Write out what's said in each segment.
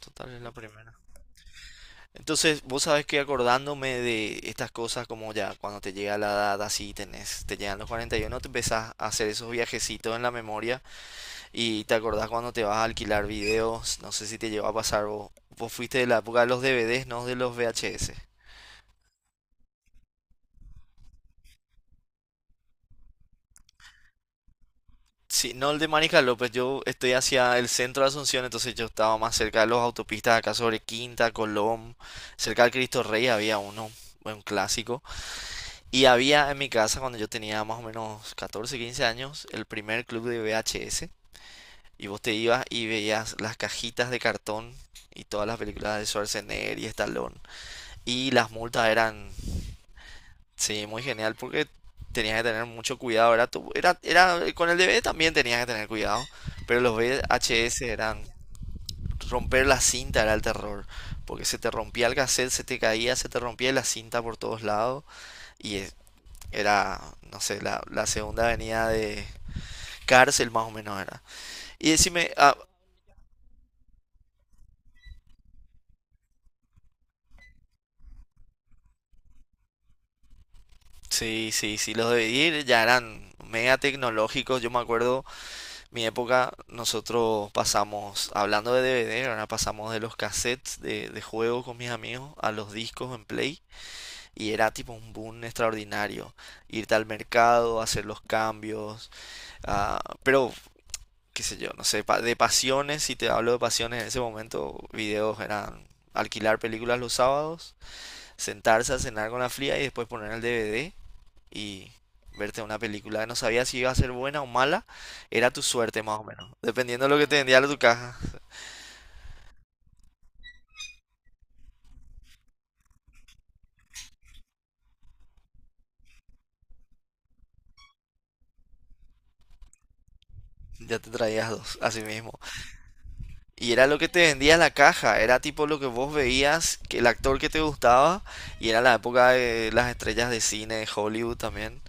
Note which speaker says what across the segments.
Speaker 1: Total, es la primera. Entonces, vos sabés que acordándome de estas cosas, como ya cuando te llega la edad así, tenés, te llegan los 41, te empezás a hacer esos viajecitos en la memoria y te acordás cuando te vas a alquilar videos. No sé si te llegó a pasar vos. Vos fuiste de la época de los DVDs, no de los VHS. Sí, no el de Mariscal López, yo estoy hacia el centro de Asunción, entonces yo estaba más cerca de los autopistas acá sobre Quinta, Colón, cerca del Cristo Rey había uno, un clásico. Y había en mi casa, cuando yo tenía más o menos 14 15 años, el primer club de VHS. Y vos te ibas y veías las cajitas de cartón y todas las películas de Schwarzenegger y Stallone. Y las multas eran, sí, muy genial porque tenías que tener mucho cuidado. Era, con el DVD también tenías que tener cuidado. Pero los VHS eran, romper la cinta era el terror. Porque se te rompía el cassette, se te caía, se te rompía la cinta por todos lados. Y eh, Era, no sé, la segunda avenida de cárcel más o menos era. Y decime, ah, sí, sí, sí, los DVDs ya eran mega tecnológicos. Yo me acuerdo, mi época, nosotros pasamos, hablando de DVD, ahora pasamos de los cassettes de juegos con mis amigos a los discos en Play. Y era tipo un boom extraordinario. Irte al mercado, hacer los cambios. Ah, pero qué sé yo, no sé, de pasiones, si te hablo de pasiones en ese momento, videos eran alquilar películas los sábados, sentarse a cenar con la fría y después poner el DVD y verte una película. No sabía si iba a ser buena o mala, era tu suerte más o menos. Dependiendo de lo que te vendía tu caja, ya te traías dos, así mismo. Y era lo que te vendía la caja, era tipo lo que vos veías, que el actor que te gustaba, y era la época de las estrellas de cine de Hollywood también.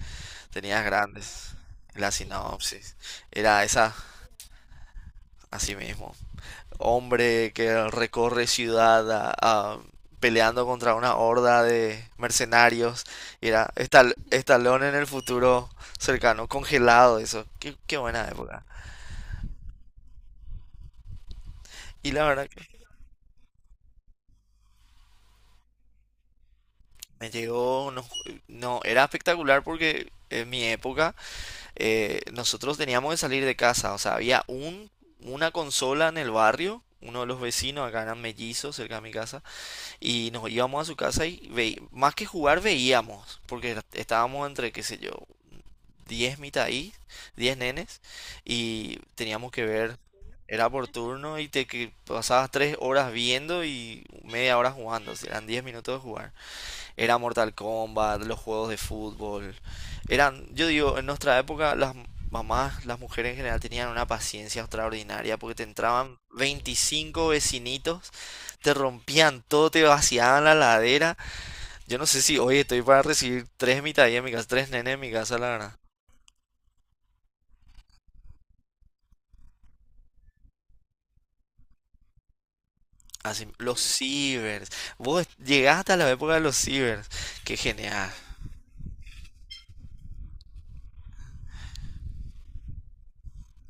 Speaker 1: Tenías grandes. La sinopsis. Era esa, así mismo. Hombre que recorre ciudad peleando contra una horda de mercenarios. Y era Estalón en el futuro cercano, congelado, eso. Qué, qué buena época. Y la verdad que me llegó, no, no, era espectacular porque en mi época nosotros teníamos que salir de casa. O sea, había un, una consola en el barrio. Uno de los vecinos, acá eran mellizos cerca de mi casa. Y nos íbamos a su casa y veí más que jugar veíamos, porque estábamos entre, qué sé yo, 10 mitad ahí, 10 nenes, y teníamos que ver, era por turno y te que pasabas 3 horas viendo y media hora jugando, o sea, eran 10 minutos de jugar. Era Mortal Kombat, los juegos de fútbol. Eran, yo digo, en nuestra época las mamás, las mujeres en general tenían una paciencia extraordinaria porque te entraban 25 vecinitos, te rompían todo, te vaciaban la ladera. Yo no sé si hoy estoy para recibir tres mitadillas en mi casa, tres nenes en mi casa, la verdad. Así, los cibers. Vos llegaste a la época de los cibers. Qué genial.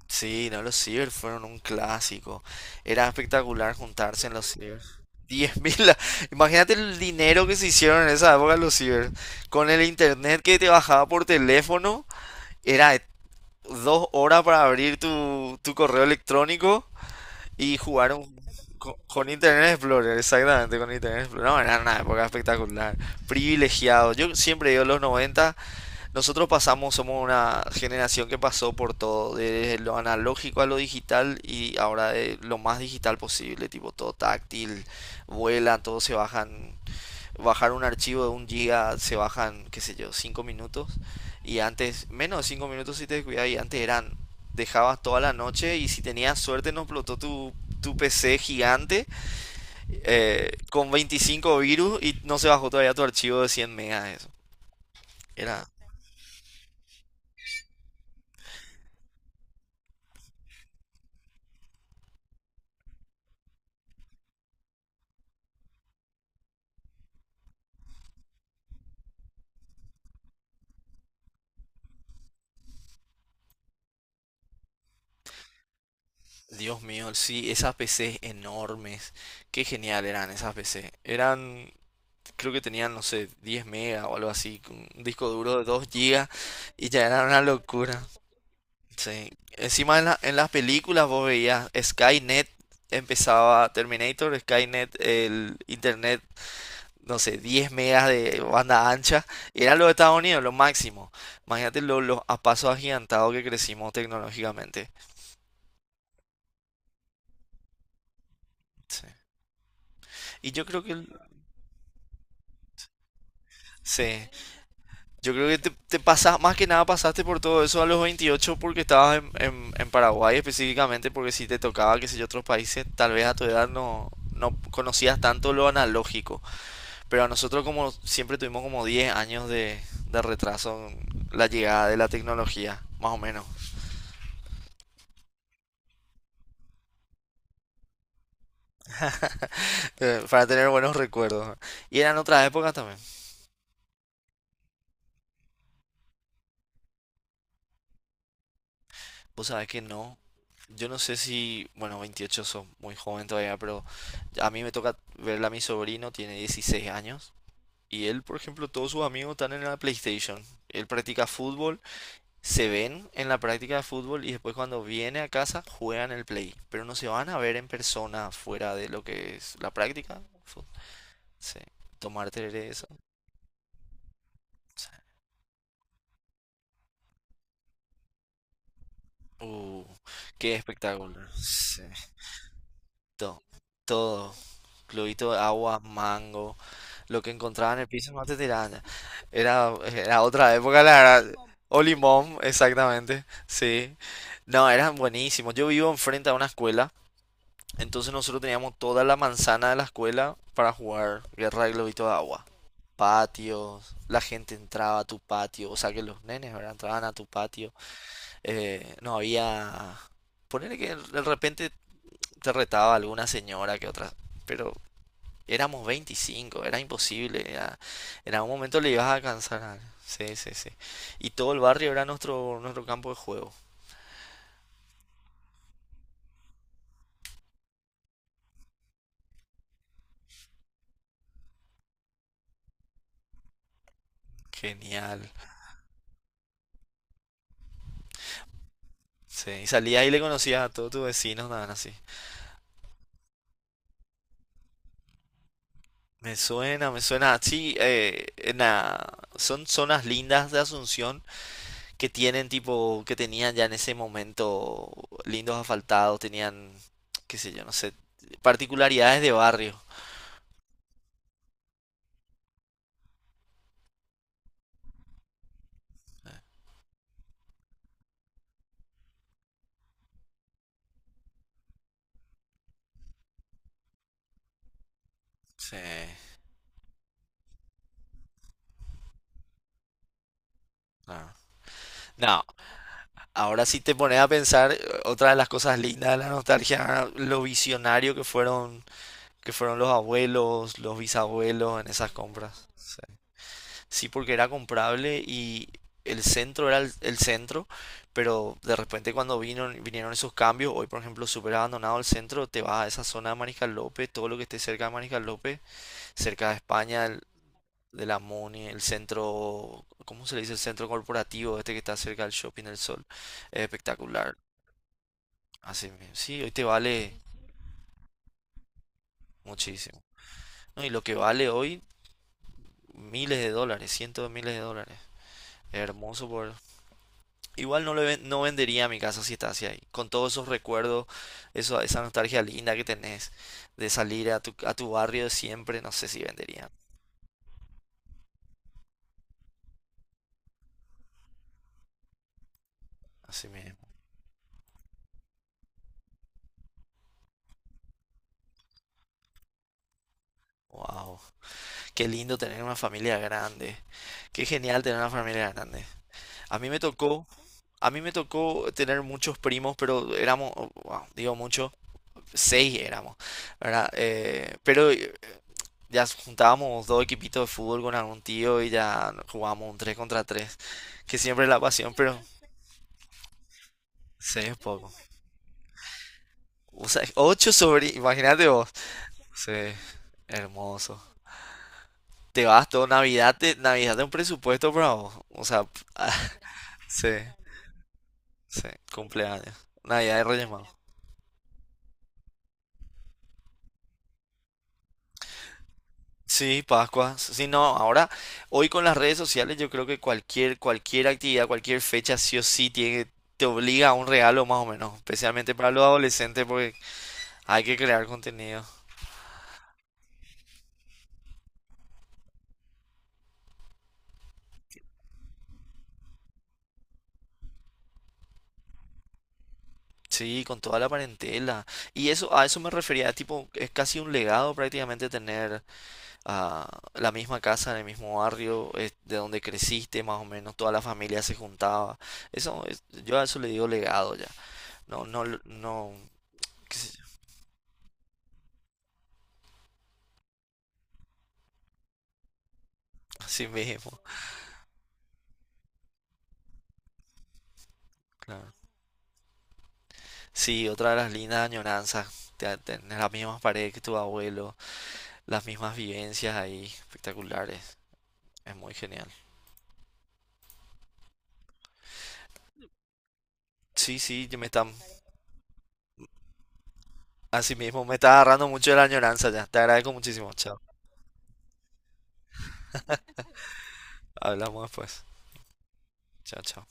Speaker 1: Sí, no, los ciber fueron un clásico. Era espectacular juntarse en los ciber. 10.000, imagínate el dinero que se hicieron en esa época los ciber. Con el internet que te bajaba por teléfono, era de dos horas para abrir tu correo electrónico y jugar con Internet Explorer, exactamente, con Internet Explorer. No, era una época espectacular, privilegiado. Yo siempre digo los 90. Nosotros pasamos, somos una generación que pasó por todo, desde lo analógico a lo digital y ahora de lo más digital posible, tipo todo táctil, vuelan, todo se bajan, bajar un archivo de un giga se bajan, qué sé yo, 5 minutos y antes, menos de 5 minutos si te descuidas y antes eran, dejabas toda la noche y si tenías suerte no explotó tu PC gigante con 25 virus y no se bajó todavía tu archivo de 100 megas, eso. Era Dios mío, sí, esas PCs enormes. Qué genial eran esas PCs. Eran, creo que tenían, no sé, 10 megas o algo así, con un disco duro de 2 gigas y ya era una locura. Sí. Encima en en las películas vos veías Skynet, empezaba Terminator, Skynet, el internet, no sé, 10 megas de banda ancha. Era lo de Estados Unidos, lo máximo. Imagínate los a pasos agigantados que crecimos tecnológicamente. Sí. Y yo creo que sí. Yo creo que te pasas, más que nada pasaste por todo eso a los 28 porque estabas en, en Paraguay específicamente, porque si te tocaba, qué sé yo, otros países, tal vez a tu edad no, no conocías tanto lo analógico. Pero a nosotros como siempre tuvimos como 10 años de retraso en la llegada de la tecnología, más o menos, para tener buenos recuerdos. Y eran otras épocas también. Vos sabés que no. Yo no sé si, bueno, 28 son muy joven todavía, pero a mí me toca verla a mi sobrino, tiene 16 años. Y él, por ejemplo, todos sus amigos están en la PlayStation. Él practica fútbol, se ven en la práctica de fútbol y después cuando viene a casa juegan el Play. Pero no se van a ver en persona fuera de lo que es la práctica. Fútbol. Sí. Tomar cerveza. Sí. Uh, qué espectáculo. Sí. todo Todo. Globito de agua, mango. Lo que encontraba en el piso no te tiraban. Era, era otra época, la verdad. O limón, exactamente. Sí. No, eran buenísimos. Yo vivo enfrente a una escuela, entonces nosotros teníamos toda la manzana de la escuela para jugar guerra de globito de agua. Patios, la gente entraba a tu patio, o sea que los nenes, ¿verdad? Entraban a tu patio. No había... Ponele que de repente te retaba alguna señora que otra, pero éramos 25, era imposible. Era, en algún momento le ibas a alcanzar a... Sí, sí, sí. Y todo el barrio era nuestro, nuestro campo de juego. Genial. Sí, y salías y le conocías a todos tus vecinos, nada así. Me suena, me suena. Sí, en son zonas lindas de Asunción que tienen tipo, que tenían ya en ese momento lindos asfaltados, tenían, qué sé yo, no sé, particularidades de barrio. Sí, no. Ahora sí te pones a pensar, otra de las cosas lindas de la nostalgia, lo visionario que fueron los abuelos, los bisabuelos en esas compras. Sí. Sí, porque era comprable y el centro era el centro, pero de repente cuando vino, vinieron esos cambios, hoy por ejemplo súper abandonado el centro, te vas a esa zona de Mariscal López, todo lo que esté cerca de Mariscal López, cerca de España, de la MONI, el centro, ¿cómo se le dice? El centro corporativo, este que está cerca del Shopping del Sol, es espectacular. Así mismo. Sí, hoy te vale muchísimo. No, y lo que vale hoy, miles de dólares, cientos de miles de dólares. Es hermoso por... Igual no, no vendería mi casa si estás ahí. Con todos esos recuerdos, eso, esa nostalgia linda que tenés de salir a a tu barrio de siempre, no sé si vendería. Así mismo. Wow. Qué lindo tener una familia grande. Qué genial tener una familia grande. A mí me tocó, a mí me tocó tener muchos primos, pero éramos, wow, digo mucho seis éramos, ¿verdad? Pero ya juntábamos dos equipitos de fútbol con algún tío y ya jugábamos un 3 contra 3, que siempre es la pasión, pero seis es poco. O sea, ocho sobrinos, imagínate vos. Sí, hermoso. Te vas todo Navidad, Navidad de un presupuesto, bravo. O sea, sí, sí, cumpleaños. Navidad de Reyes Magos. Sí, Pascua. Sí, no, ahora, hoy con las redes sociales, yo creo que cualquier, cualquier actividad, cualquier fecha, sí o sí, tiene, te obliga a un regalo más o menos, especialmente para los adolescentes, porque hay que crear contenido. Sí, con toda la parentela. Y eso, a eso me refería, tipo, es casi un legado prácticamente tener ah, la misma casa en el mismo barrio, de donde creciste, más o menos, toda la familia se juntaba. Eso, yo a eso le digo legado ya. No, no, no, qué sé yo, así mismo. Claro. Sí, otra de las lindas añoranzas. Tenés las mismas paredes que tu abuelo, las mismas vivencias ahí, espectaculares. Es muy genial. Sí, sí, así mismo me está agarrando mucho de la añoranza ya. Te agradezco muchísimo. Chao. Hablamos después. Chao, chao.